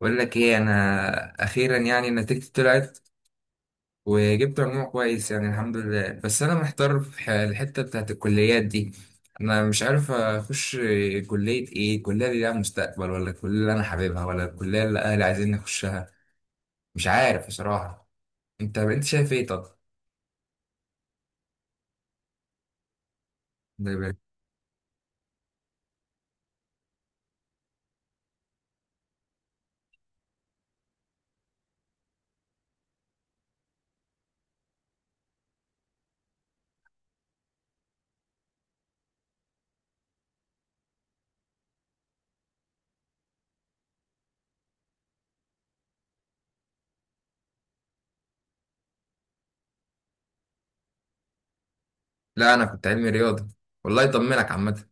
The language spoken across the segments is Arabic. بقول لك ايه، انا اخيرا يعني نتيجتي طلعت وجبت مجموع كويس، يعني الحمد لله. بس انا محتار في الحته بتاعت الكليات دي. انا مش عارف اخش كليه ايه، الكليه اللي لها مستقبل ولا الكليه اللي انا حاببها ولا الكليه اللي اهلي عايزين نخشها؟ مش عارف بصراحه. انت شايف ايه طب؟ لا انا كنت علمي رياضه، والله يطمنك عامه.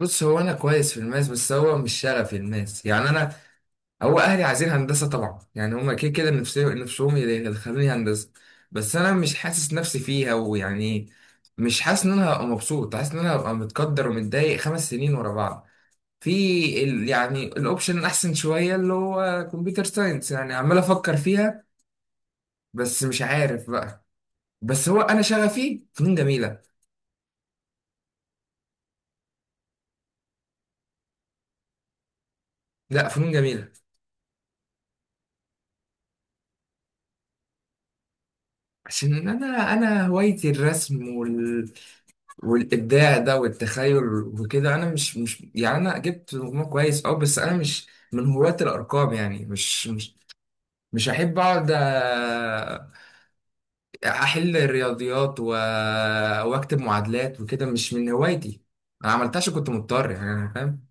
بص، هو انا كويس في الماس بس هو مش شغفي الماس، يعني انا. هو اهلي عايزين هندسه طبعا، يعني هما كده كده نفسهم يدخلوني هندسه. بس انا مش حاسس نفسي فيها، ويعني مش حاسس ان انا هبقى مبسوط، حاسس ان انا هبقى متقدر ومتضايق خمس سنين ورا بعض. في يعني الاوبشن الاحسن شويه اللي هو كمبيوتر ساينس، يعني عمال افكر فيها بس مش عارف بقى. بس هو انا شغفي فنون جميله. لا، فنون جميله. عشان انا هوايتي الرسم والابداع ده والتخيل وكده. انا مش يعني انا جبت مجموع كويس اه، بس انا مش من هواة الارقام. يعني مش احب اقعد احل الرياضيات واكتب معادلات وكده، مش من هوايتي. انا عملتهاش عشان كنت مضطر، يعني انا فاهم.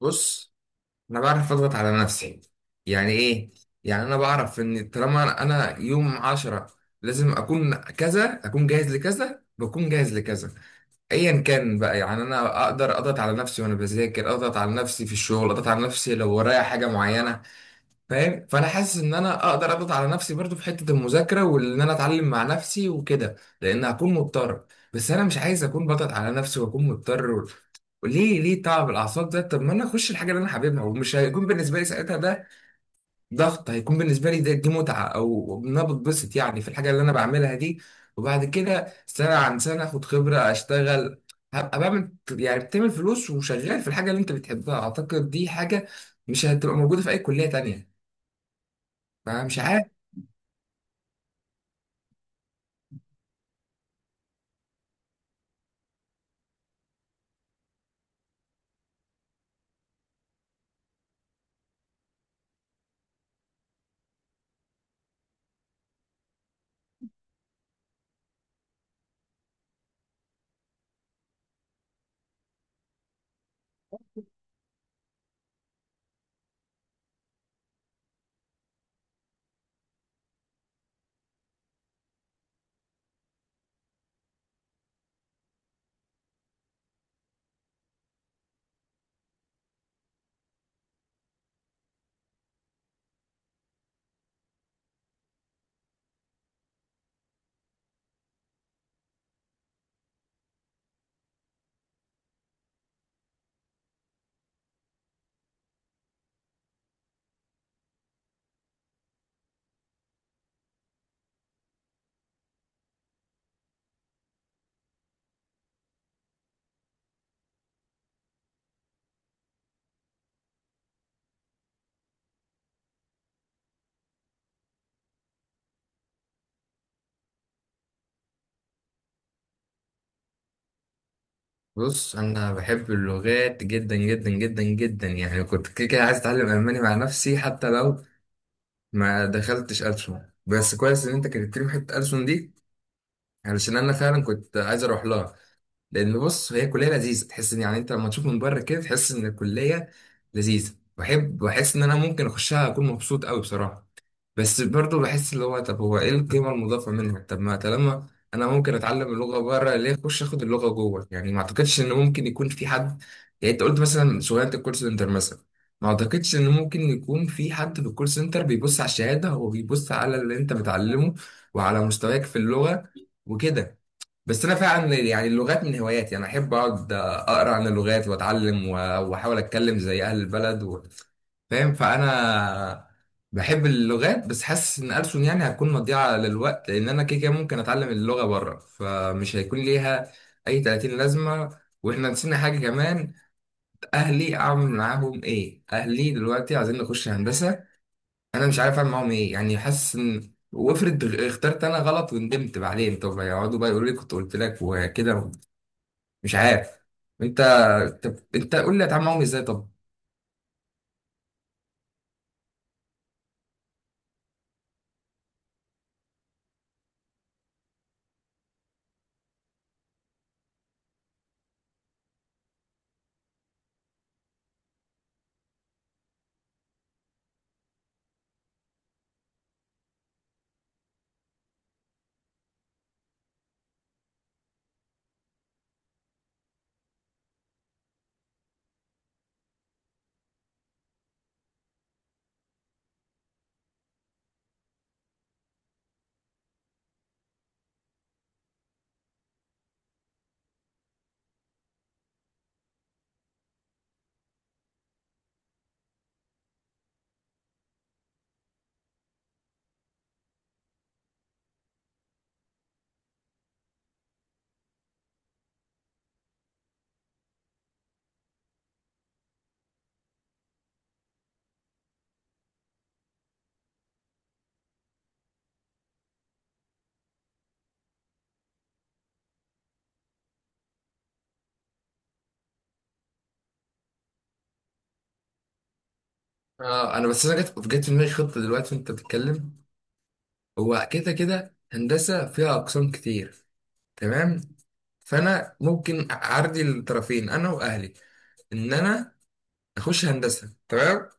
بص، انا بعرف اضغط على نفسي. يعني ايه؟ يعني انا بعرف ان طالما انا أنا يوم عشرة، لازم اكون كذا، اكون جاهز لكذا، بكون جاهز لكذا، ايا كان بقى. يعني انا اقدر اضغط على نفسي، وانا بذاكر اضغط على نفسي، في الشغل اضغط على نفسي لو ورايا حاجه معينه، فاهم؟ فانا حاسس ان انا اقدر اضغط على نفسي برضو في حته المذاكره وان انا اتعلم مع نفسي وكده، لان هكون مضطر. بس انا مش عايز اكون بضغط على نفسي واكون مضطر ليه؟ ليه تعب الاعصاب ده؟ طب ما انا اخش الحاجه اللي انا حاببها ومش هيكون بالنسبه لي ساعتها ده ضغط، هيكون بالنسبه لي ده دي متعه، او ان انا بتبسط يعني في الحاجه اللي انا بعملها دي. وبعد كده سنه عن سنه اخد خبره، اشتغل، هبقى بعمل، يعني بتعمل فلوس وشغال في الحاجه اللي انت بتحبها. اعتقد دي حاجه مش هتبقى موجوده في اي كليه تانية، فمش عارف. بص، انا بحب اللغات جدا جدا جدا جدا، يعني كنت كده كده عايز اتعلم الماني مع نفسي حتى لو ما دخلتش ألسن. بس كويس ان انت كنت لي حته ألسن دي، علشان انا فعلا كنت عايز اروح لها. لان بص، هي كليه لذيذه، تحس ان يعني انت لما تشوف من بره كده تحس ان الكليه لذيذه، بحب بحس ان انا ممكن اخشها اكون مبسوط قوي بصراحه. بس برضه بحس اللي هو طب هو ايه القيمة المضافة منها؟ طب ما طالما انا ممكن اتعلم اللغة بره، ليه اخش اخد اللغة جوه؟ يعني ما اعتقدش ان ممكن يكون في حد، يعني انت قلت مثلا شغلانة الكول سنتر مثلا، ما اعتقدش ان ممكن يكون في حد في الكول سنتر بيبص على الشهادة، هو بيبص على اللي انت بتعلمه وعلى مستواك في اللغة وكده. بس انا فعلا يعني اللغات من هواياتي، انا احب اقعد اقرا عن اللغات واتعلم واحاول اتكلم زي اهل البلد فاهم؟ فانا بحب اللغات، بس حاسس ان ألسن يعني هتكون مضيعه للوقت، لان انا كده كده ممكن اتعلم اللغه بره، فمش هيكون ليها اي 30 لازمه. واحنا نسينا حاجه كمان، اهلي اعمل معاهم ايه؟ اهلي دلوقتي عايزين نخش هندسه، انا مش عارف اعمل معاهم ايه. يعني حاسس ان وافرض اخترت انا غلط وندمت بعدين، طب يقعدوا بقى يقولوا لي كنت قلت لك وكده. مش عارف. انت، طب انت قول لي هتعامل معاهم ازاي طب؟ آه، انا بس انا جت في دماغي خطه دلوقتي وانت بتتكلم. هو كده كده هندسه فيها اقسام كتير، تمام؟ فانا ممكن اعرضي الطرفين انا واهلي ان انا اخش هندسه، تمام.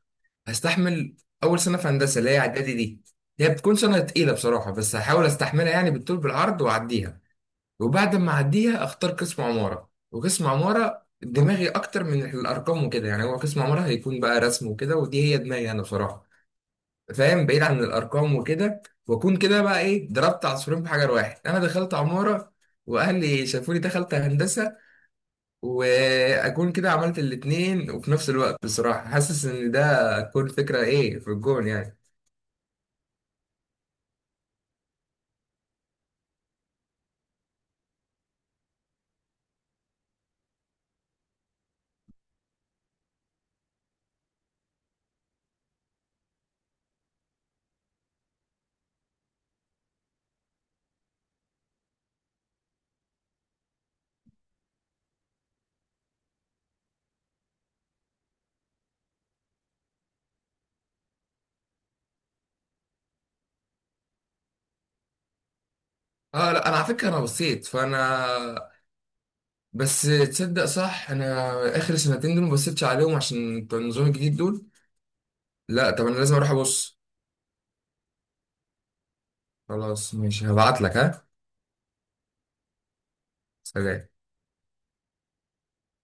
هستحمل اول سنه في هندسه اللي هي اعدادي دي، هي بتكون سنه تقيله بصراحه، بس هحاول استحملها يعني بالطول بالعرض واعديها. وبعد ما اعديها اختار قسم عماره، وقسم عماره دماغي اكتر من الارقام وكده. يعني هو قسم عماره هيكون بقى رسم وكده، ودي هي دماغي انا بصراحه، فاهم؟ بعيد عن الارقام وكده. واكون كده بقى ايه، ضربت عصفورين بحجر واحد، انا دخلت عماره واهلي شافوني دخلت هندسه، واكون كده عملت الاتنين. وفي نفس الوقت بصراحه حاسس ان ده تكون فكره ايه في الجون يعني. اه لا، انا على فكره انا بصيت، فانا بس، تصدق صح، انا اخر سنتين دول ما بصيتش عليهم عشان بتوع النظام الجديد دول. لا طب، انا لازم اروح ابص. خلاص ماشي، هبعت لك، ها. سلام.